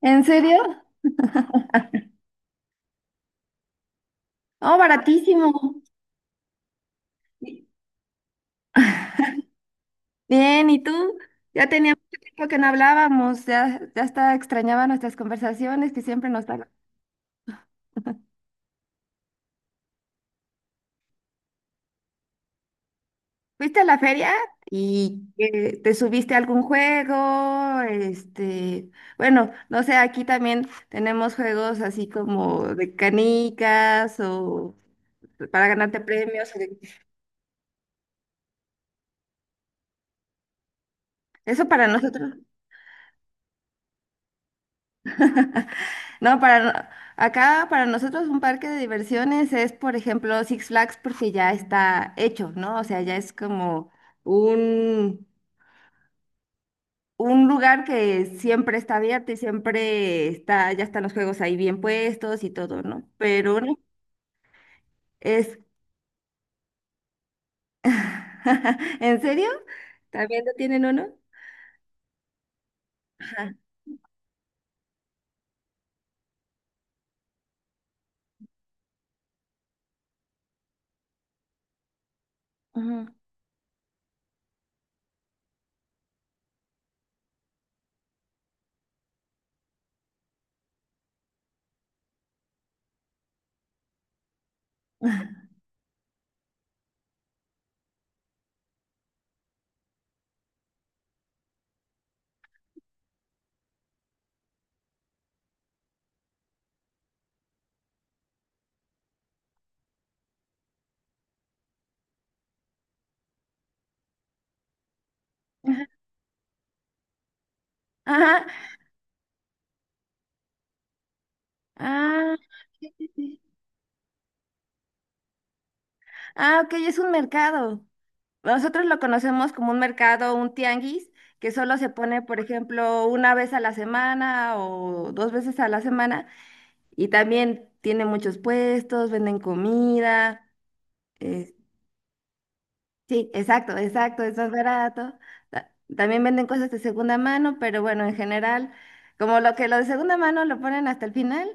¿En serio? Oh, baratísimo. Bien, ¿y tú? Ya tenía mucho tiempo que no hablábamos, ya, ya hasta extrañaba nuestras conversaciones que siempre nos daban. ¿Fuiste a la feria y te subiste a algún juego? Bueno, no sé, aquí también tenemos juegos así como de canicas o para ganarte premios, Eso para nosotros. No, para no- Acá para nosotros un parque de diversiones es, por ejemplo, Six Flags, porque ya está hecho, ¿no? O sea, ya es como un, un lugar que siempre está abierto y siempre está, ya están los juegos ahí bien puestos y todo, ¿no? Pero uno es, ¿en serio? ¿También lo tienen uno? Ajá. Ujú. Ajá. Ah, sí, sí, sí. Ah, ok, es un mercado. Nosotros lo conocemos como un mercado, un tianguis, que solo se pone, por ejemplo, una vez a la semana o dos veces a la semana. Y también tiene muchos puestos, venden comida, eh, sí, exacto, exacto, es más barato. También venden cosas de segunda mano, pero bueno, en general, como lo que lo de segunda mano lo ponen hasta el final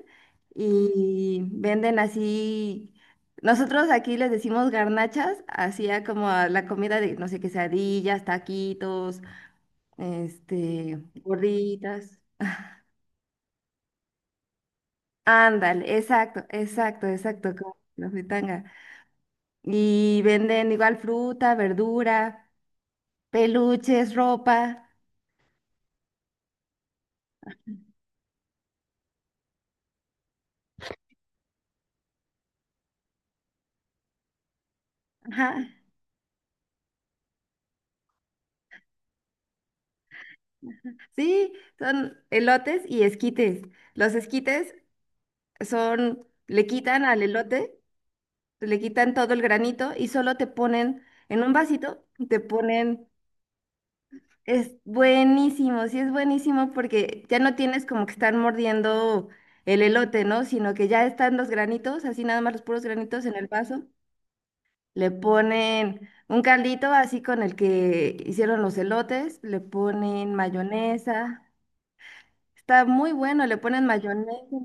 y venden así. Nosotros aquí les decimos garnachas, hacía como a la comida de, no sé, quesadillas, taquitos, gorditas. Ándale, exacto, exacto, exacto, como la fritanga. Y venden igual fruta, verdura, peluches, ropa. Ajá. Sí, son elotes y esquites. Los esquites son, le quitan al elote, le quitan todo el granito y solo te ponen en un vasito, te ponen, es buenísimo, sí es buenísimo porque ya no tienes como que estar mordiendo el elote, ¿no? Sino que ya están los granitos, así nada más los puros granitos en el vaso. Le ponen un caldito así con el que hicieron los elotes, le ponen mayonesa. Está muy bueno, le ponen mayonesa.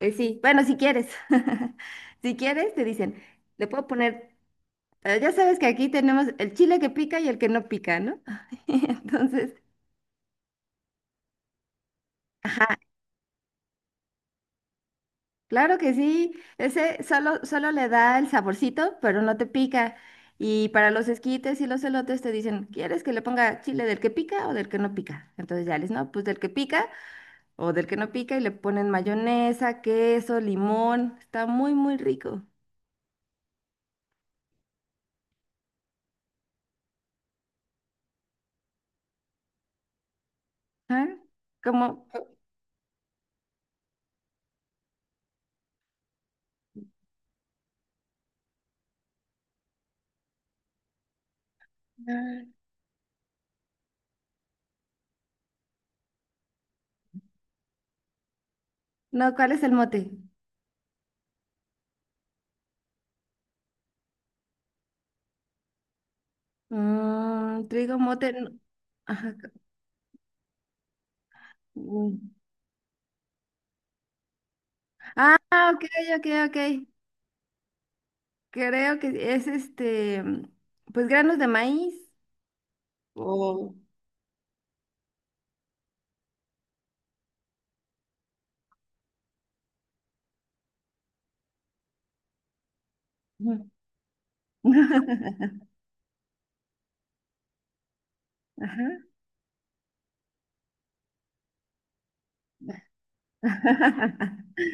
Sí, bueno, si quieres, si quieres, te dicen, le puedo poner, ya sabes que aquí tenemos el chile que pica y el que no pica, ¿no? Entonces, ajá, claro que sí, ese solo, solo le da el saborcito, pero no te pica. Y para los esquites y los elotes te dicen, ¿quieres que le ponga chile del que pica o del que no pica? Entonces ya les, no, pues del que pica o del que no pica, y le ponen mayonesa, queso, limón, está muy, muy rico. ¿Ah? Como, no, ¿cuál es el mote? Mm, trigo mote. Ajá, ca- mm. Ah, ok, ok, ok. Creo que es mm, pues granos de maíz. O. Ujú. Ajá.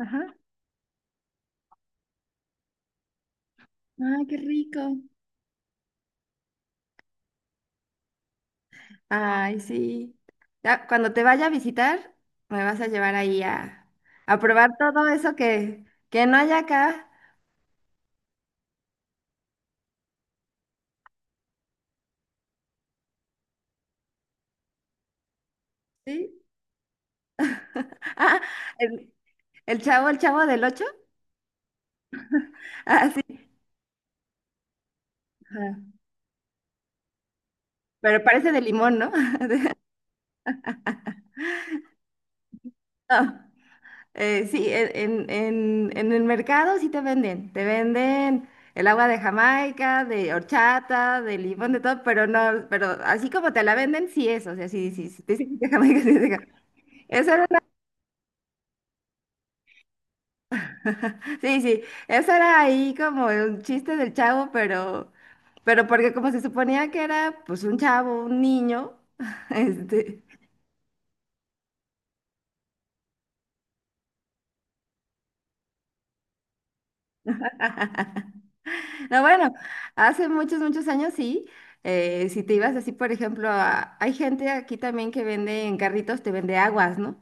Ajá. Ay, qué rico. Ay, sí. Ya, cuando te vaya a visitar, me vas a llevar ahí a probar todo eso que no hay acá. ¿Sí? Ah, el, el chavo del ocho. Ah, sí. Ajá. Pero parece de limón, ¿no? De- no. Sí, en el mercado sí te venden el agua de Jamaica, de horchata, de limón, de todo, pero no, pero así como te la venden, sí es, o sea, sí, sí, sí, te dicen que de Jamaica, sí, es de Jamaica. Eso era una- sí, sí, eso era ahí como un chiste del chavo, pero porque como se suponía que era pues un chavo, un niño, este... No, bueno, hace muchos, muchos años sí. Si te ibas así, por ejemplo, hay gente aquí también que vende en carritos, te vende aguas, ¿no?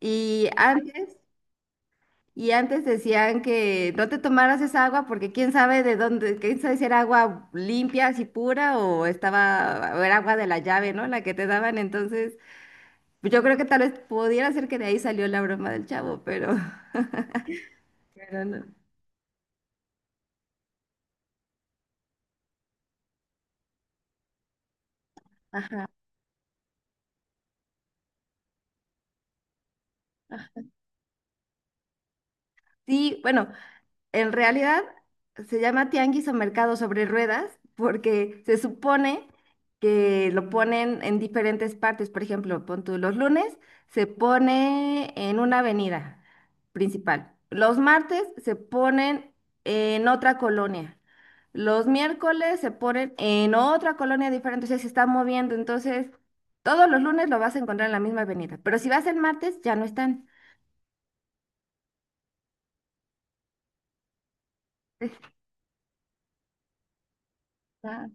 Y antes, y antes decían que no te tomaras esa agua porque quién sabe de dónde, quién sabe si era agua limpia, así pura o estaba, o era agua de la llave, ¿no? La que te daban. Entonces, pues yo creo que tal vez pudiera ser que de ahí salió la broma del chavo, pero, pero no. Ajá. Sí, bueno, en realidad se llama tianguis o mercado sobre ruedas porque se supone que lo ponen en diferentes partes. Por ejemplo, pon tú, los lunes se pone en una avenida principal. Los martes se ponen en otra colonia. Los miércoles se ponen en otra colonia diferente. O sea, se está moviendo. Entonces, todos los lunes lo vas a encontrar en la misma avenida. Pero si vas el martes, ya no están. Está-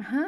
Ajá.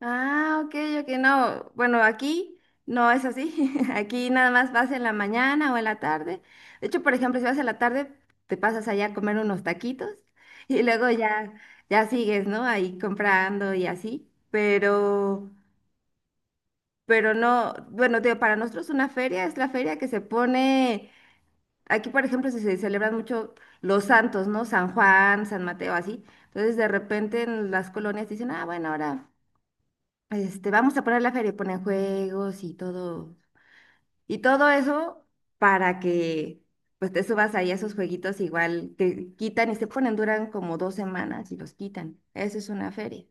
Ah, ok, ok, no. Bueno, aquí no es así. Aquí nada más vas en la mañana o en la tarde. De hecho, por ejemplo, si vas en la tarde, te pasas allá a comer unos taquitos y luego ya, ya sigues, ¿no? Ahí comprando y así. Pero no, bueno, te digo, para nosotros una feria es la feria que se pone. Aquí, por ejemplo, se celebran mucho los santos, ¿no? San Juan, San Mateo, así. Entonces, de repente en las colonias dicen, ah, bueno, ahora. Vamos a parar la feria y ponen juegos y todo eso para que pues te subas ahí a esos jueguitos igual te quitan y se ponen, duran como dos semanas y los quitan. Eso es una feria.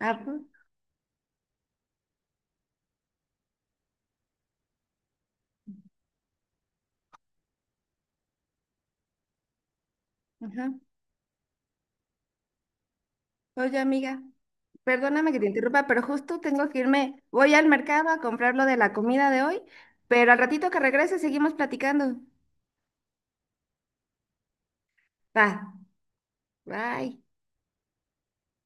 Ah, pues, ajá. Oye, amiga, perdóname que te interrumpa, pero justo tengo que irme. Voy al mercado a comprar lo de la comida de hoy, pero al ratito que regrese seguimos platicando. Va, bye.